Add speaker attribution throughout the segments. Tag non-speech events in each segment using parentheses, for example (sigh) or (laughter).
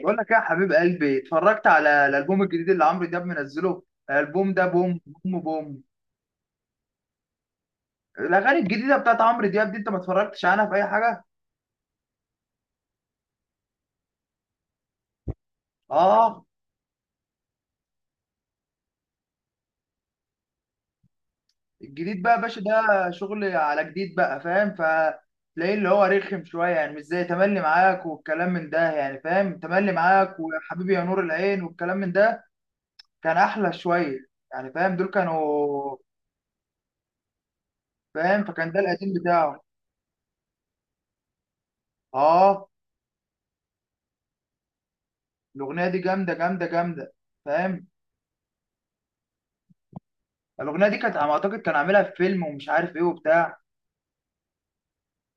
Speaker 1: بقول لك ايه يا حبيب قلبي، اتفرجت على الالبوم الجديد اللي عمرو دياب منزله. الالبوم ده بوم بوم بوم. الاغاني الجديده بتاعت عمرو دياب دي انت ما اتفرجتش عنها في اي حاجه؟ اه. الجديد بقى يا باشا ده شغل على جديد بقى فاهم، فتلاقيه اللي هو رخم شويه يعني، مش زي تملي معاك والكلام من ده. يعني فاهم، تملي معاك ويا حبيبي يا نور العين والكلام من ده كان احلى شويه. يعني فاهم دول كانوا فاهم، فكان ده القديم بتاعه. اه. الاغنيه دي جامده جامده جامده، فاهم. الاغنيه دي كانت على ما اعتقد كان عاملها في فيلم ومش عارف ايه وبتاع.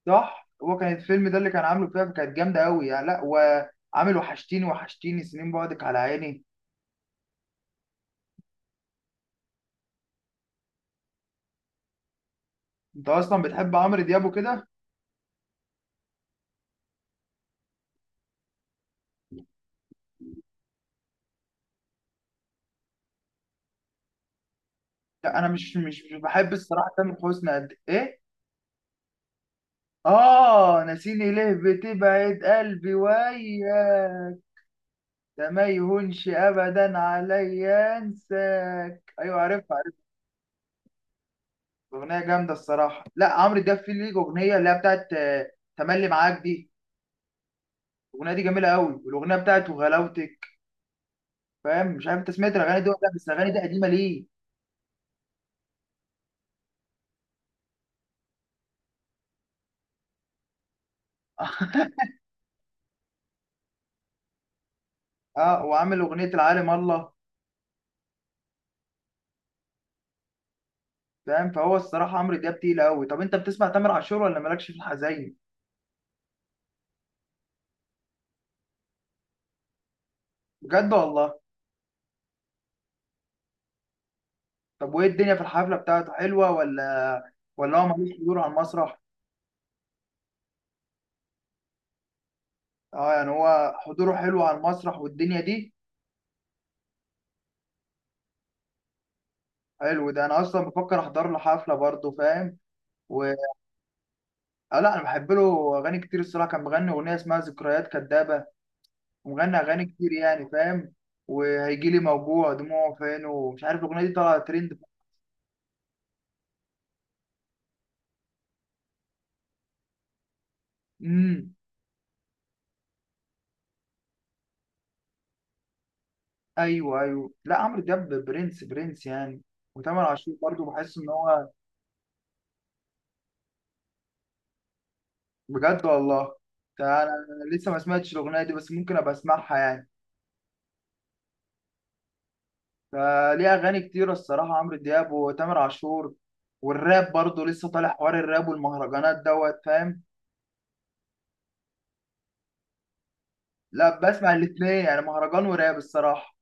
Speaker 1: صح، هو كان الفيلم ده اللي كان عامله فيها، فكانت جامده قوي يعني. لا، وعامل وحشتيني وحشتيني سنين بعدك على عيني. انت اصلا بتحب عمرو دياب وكده؟ لا، انا مش بحب الصراحه تامر حسني قد ايه. اه، ناسيني ليه بتبعد قلبي وياك. ده ما يهونش ابدا عليا انساك. ايوه عارفها عارفها. اغنيه جامده الصراحه. لا، عمرو دياب في ليه اغنيه اللي هي بتاعت تملي معاك دي. الاغنيه دي جميله قوي، والاغنيه بتاعته غلاوتك فاهم. مش عارف انت سمعت الاغاني دي ولا لا، بس الاغاني دي قديمه ليه. (laughs) اه، وعامل اغنيه العالم الله، فاهم. فهو الصراحه عمرو دياب تقيل قوي. طب انت بتسمع تامر عاشور ولا مالكش في الحزين؟ بجد والله؟ طب وايه الدنيا في الحفله بتاعته حلوه، ولا هو ملوش حضور على المسرح؟ اه، يعني هو حضوره حلو على المسرح والدنيا دي. حلو، ده انا اصلا بفكر احضر له حفله برضه فاهم و... لا انا بحب له اغاني كتير الصراحه، كان مغني اغنيه اسمها ذكريات كدابه ومغني اغاني كتير يعني فاهم. وهيجي لي موجوع دموعه فين ومش عارف الاغنيه دي طالعه ترند. امم. ايوه ايوه، لا عمرو دياب برنس برنس يعني. وتامر عاشور برضه بحس ان هو بجد والله. ده انا لسه ما سمعتش الاغنيه دي، بس ممكن ابقى اسمعها يعني. فليه اغاني كتيره الصراحه عمرو دياب وتامر عاشور. والراب برضه لسه طالع حوار الراب والمهرجانات دوت فاهم. لا، بسمع الاثنين يعني مهرجان وراب الصراحه.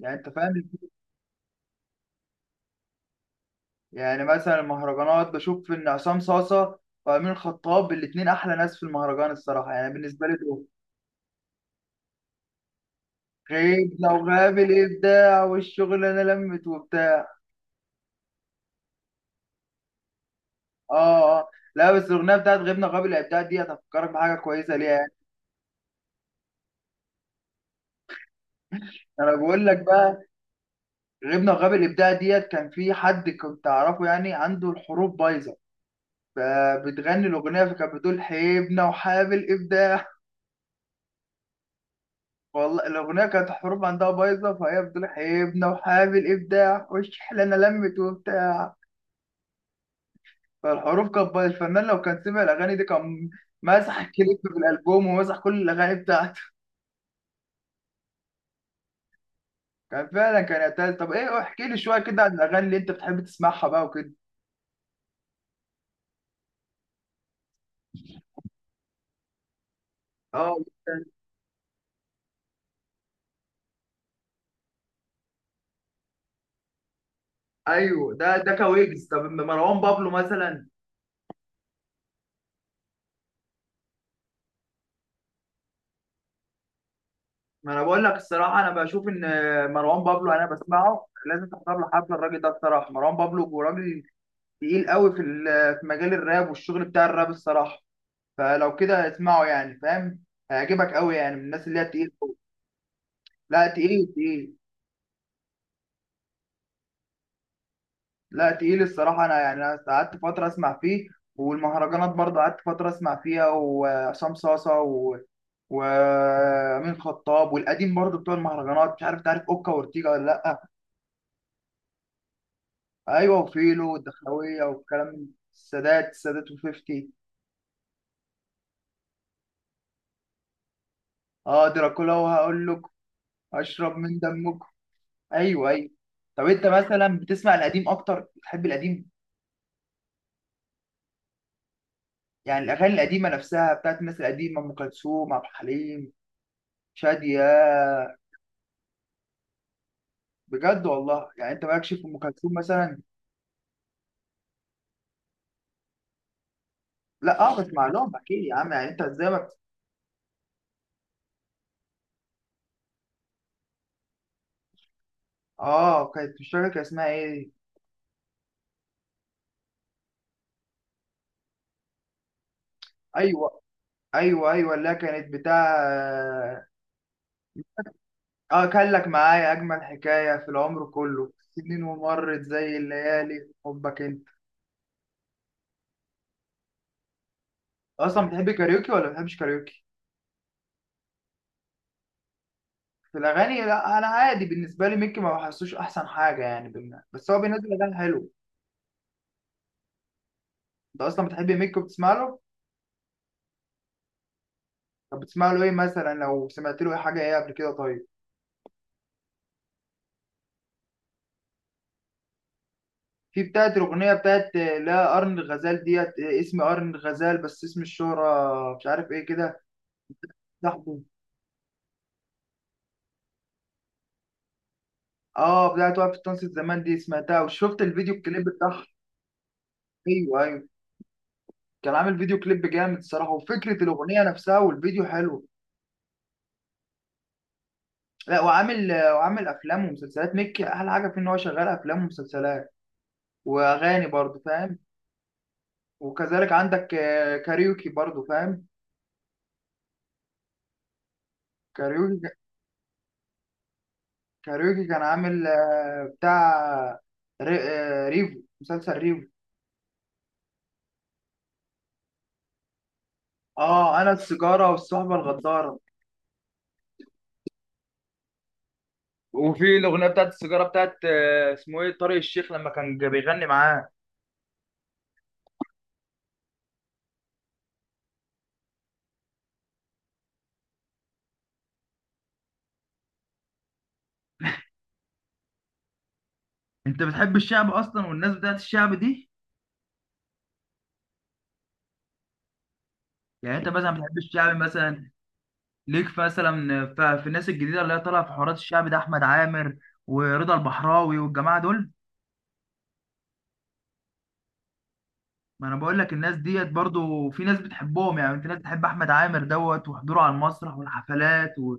Speaker 1: يعني انت فاهم. يعني مثلا المهرجانات بشوف ان عصام صاصه وامين الخطاب الاتنين احلى ناس في المهرجان الصراحه، يعني بالنسبه لي دول. غيب لو غاب الابداع والشغل، انا لمت وبتاع. اه اه، لا بس الاغنيه بتاعت غبنا وغاب الابداع دي هتفكرك بحاجه كويسه ليها يعني. انا بقول لك بقى. غبنا وغاب الابداع ديت كان في حد كنت اعرفه، يعني عنده الحروف بايظه، فبتغني الاغنيه فكانت بتقول حبنا وحاب الابداع. والله الأغنية كانت الحروف عندها بايظة، فهي بتقول حبنا وحابب الإبداع والشحلة أنا لمت وبتاع. فالحروف كانت بايظة. الفنان لو كان سمع الأغاني دي كان مسح الكليب في الألبوم ومسح كل الأغاني بتاعته. كان فعلا كان يعتز. طب إيه، احكي لي شوية كده عن الأغاني اللي أنت بتحب تسمعها بقى وكده. اه، ايوه، ده كويجز. طب أما مروان بابلو مثلا. ما انا بقول لك الصراحه انا بشوف ان مروان بابلو انا بسمعه، لازم تحضر له حفله. الراجل ده بصراحه مروان بابلو راجل تقيل قوي في في مجال الراب والشغل بتاع الراب الصراحه. فلو كده اسمعه يعني فاهم، هيعجبك قوي، يعني من الناس اللي هي تقيل قوي. لا، تقيل تقيل. لا تقيل الصراحه. انا يعني أنا قعدت فتره اسمع فيه. والمهرجانات برضه قعدت فتره اسمع فيها، وعصام صاصه وامين خطاب والقديم برضه بتوع المهرجانات، مش عارف تعرف اوكا واورتيجا ولا لا. ايوه وفيلو والدخلاويه والكلام من السادات. السادات وفيفتي. اه، دراكولا. وهقول لك اشرب من دمكم. ايوه ايوه. طب انت مثلا بتسمع القديم اكتر بتحب القديم، يعني الاغاني القديمه نفسها بتاعت الناس القديمه ام كلثوم عبد الحليم شاديه. بجد والله؟ يعني انت مالكش في ام كلثوم مثلا. لا، اه بسمع لهم اكيد يا عم، يعني انت ازاي ما بت- اه، كانت مش فاكر كان اسمها ايه. ايوه ايوه ايوه، اللي هي كانت بتاع. اه، كان لك معايا اجمل حكايه في العمر كله سنين ومرت زي الليالي حبك. انت اصلا بتحب كاريوكي ولا ما بتحبش كاريوكي في الاغاني؟ لا، انا عادي بالنسبه لي ميكي ما بحسوش احسن حاجه يعني بس هو بينزل اغاني حلو. انت اصلا بتحب ميكي وبتسمع له؟ طب بتسمع له ايه مثلا؟ لو سمعت له اي حاجه ايه قبل كده طيب. في بتاعت الاغنيه بتاعت لا قرن الغزال ديت، اسم قرن الغزال بس اسم الشهره مش عارف ايه كده. صاحبه. اه، بتاعت وقف التنصت زمان دي سمعتها وشفت الفيديو الكليب بتاعها. ايوه ايوه. كان عامل فيديو كليب جامد الصراحه، وفكره الاغنيه نفسها والفيديو حلو. لا، وعامل افلام ومسلسلات. مكي احلى حاجه فيه ان هو شغال افلام ومسلسلات واغاني برضه فاهم. وكذلك عندك كاريوكي برضه فاهم. كاريوكي كاريوكي كان عامل بتاع ريفو مسلسل ريفو. اه، انا السيجاره والصحبه الغداره. وفي الاغنيه بتاعت السيجاره بتاعت اسمه ايه طارق الشيخ لما كان بيغني معاه. انت بتحب الشعب اصلا والناس بتاعت الشعب دي؟ يعني انت مثلا بتحب الشعب مثلا؟ ليك في مثلا في الناس الجديده اللي هي طالعه في حوارات الشعب ده احمد عامر ورضا البحراوي والجماعه دول. ما انا بقول لك الناس ديت برضو في ناس بتحبهم، يعني في ناس بتحب احمد عامر دوت وحضوره على المسرح والحفلات.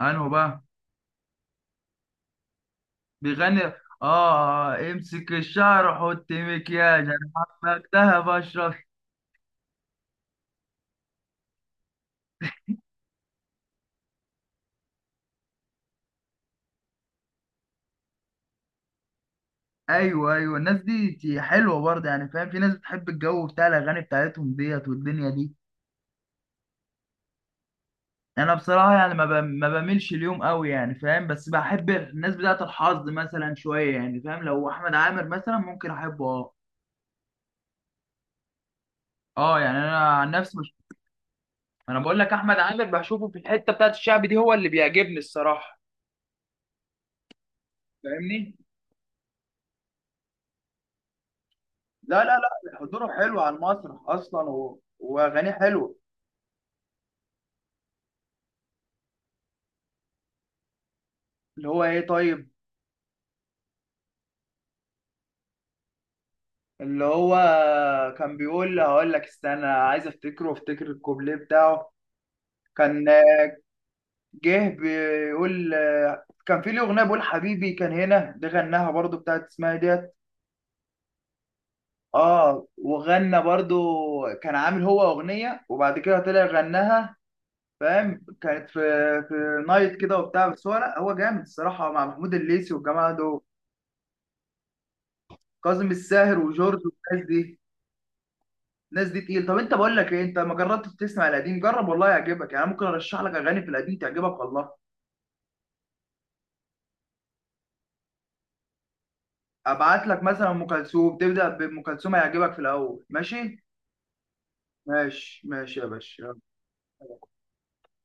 Speaker 1: انه بقى بيغني، اه، امسك الشعر وحط مكياج انا حبك ده بشرك. ايوه ايوه، الناس دي حلوه برضه يعني فاهم. في ناس بتحب الجو بتاع الاغاني بتاعتهم ديت والدنيا دي. انا بصراحه يعني ما بميلش اليوم قوي يعني فاهم، بس بحب الناس بتاعه الحظ مثلا شويه يعني فاهم. لو احمد عامر مثلا ممكن احبه اه. اه، يعني انا عن نفسي مش. انا بقول لك احمد عامر بشوفه في الحته بتاعه الشعب دي هو اللي بيعجبني الصراحه فاهمني. لا لا لا، حضوره حلو على المسرح اصلا واغانيه حلوه. اللي هو ايه طيب. اللي هو كان بيقول هقول لك استنى عايز افتكره وافتكر الكوبليه بتاعه. كان جه بيقول كان في ليه اغنيه بيقول حبيبي كان هنا ده غناها برضو بتاعت اسمها إيه ديت. اه، وغنى برضو كان عامل هو اغنيه وبعد كده طلع غناها، فاهم. كانت في نايت كده وبتاع، بس هو لا هو جامد الصراحه مع محمود الليثي والجماعه دول. كاظم الساهر وجورج والناس دي الناس دي تقيل. طب انت بقول لك ايه، انت ما جربتش تسمع القديم؟ جرب والله يعجبك، يعني أنا ممكن ارشح لك اغاني في القديم تعجبك والله. ابعت لك مثلا ام كلثوم، تبدا بام كلثوم هيعجبك في الاول ماشي. ماشي ماشي يا باشا يلا.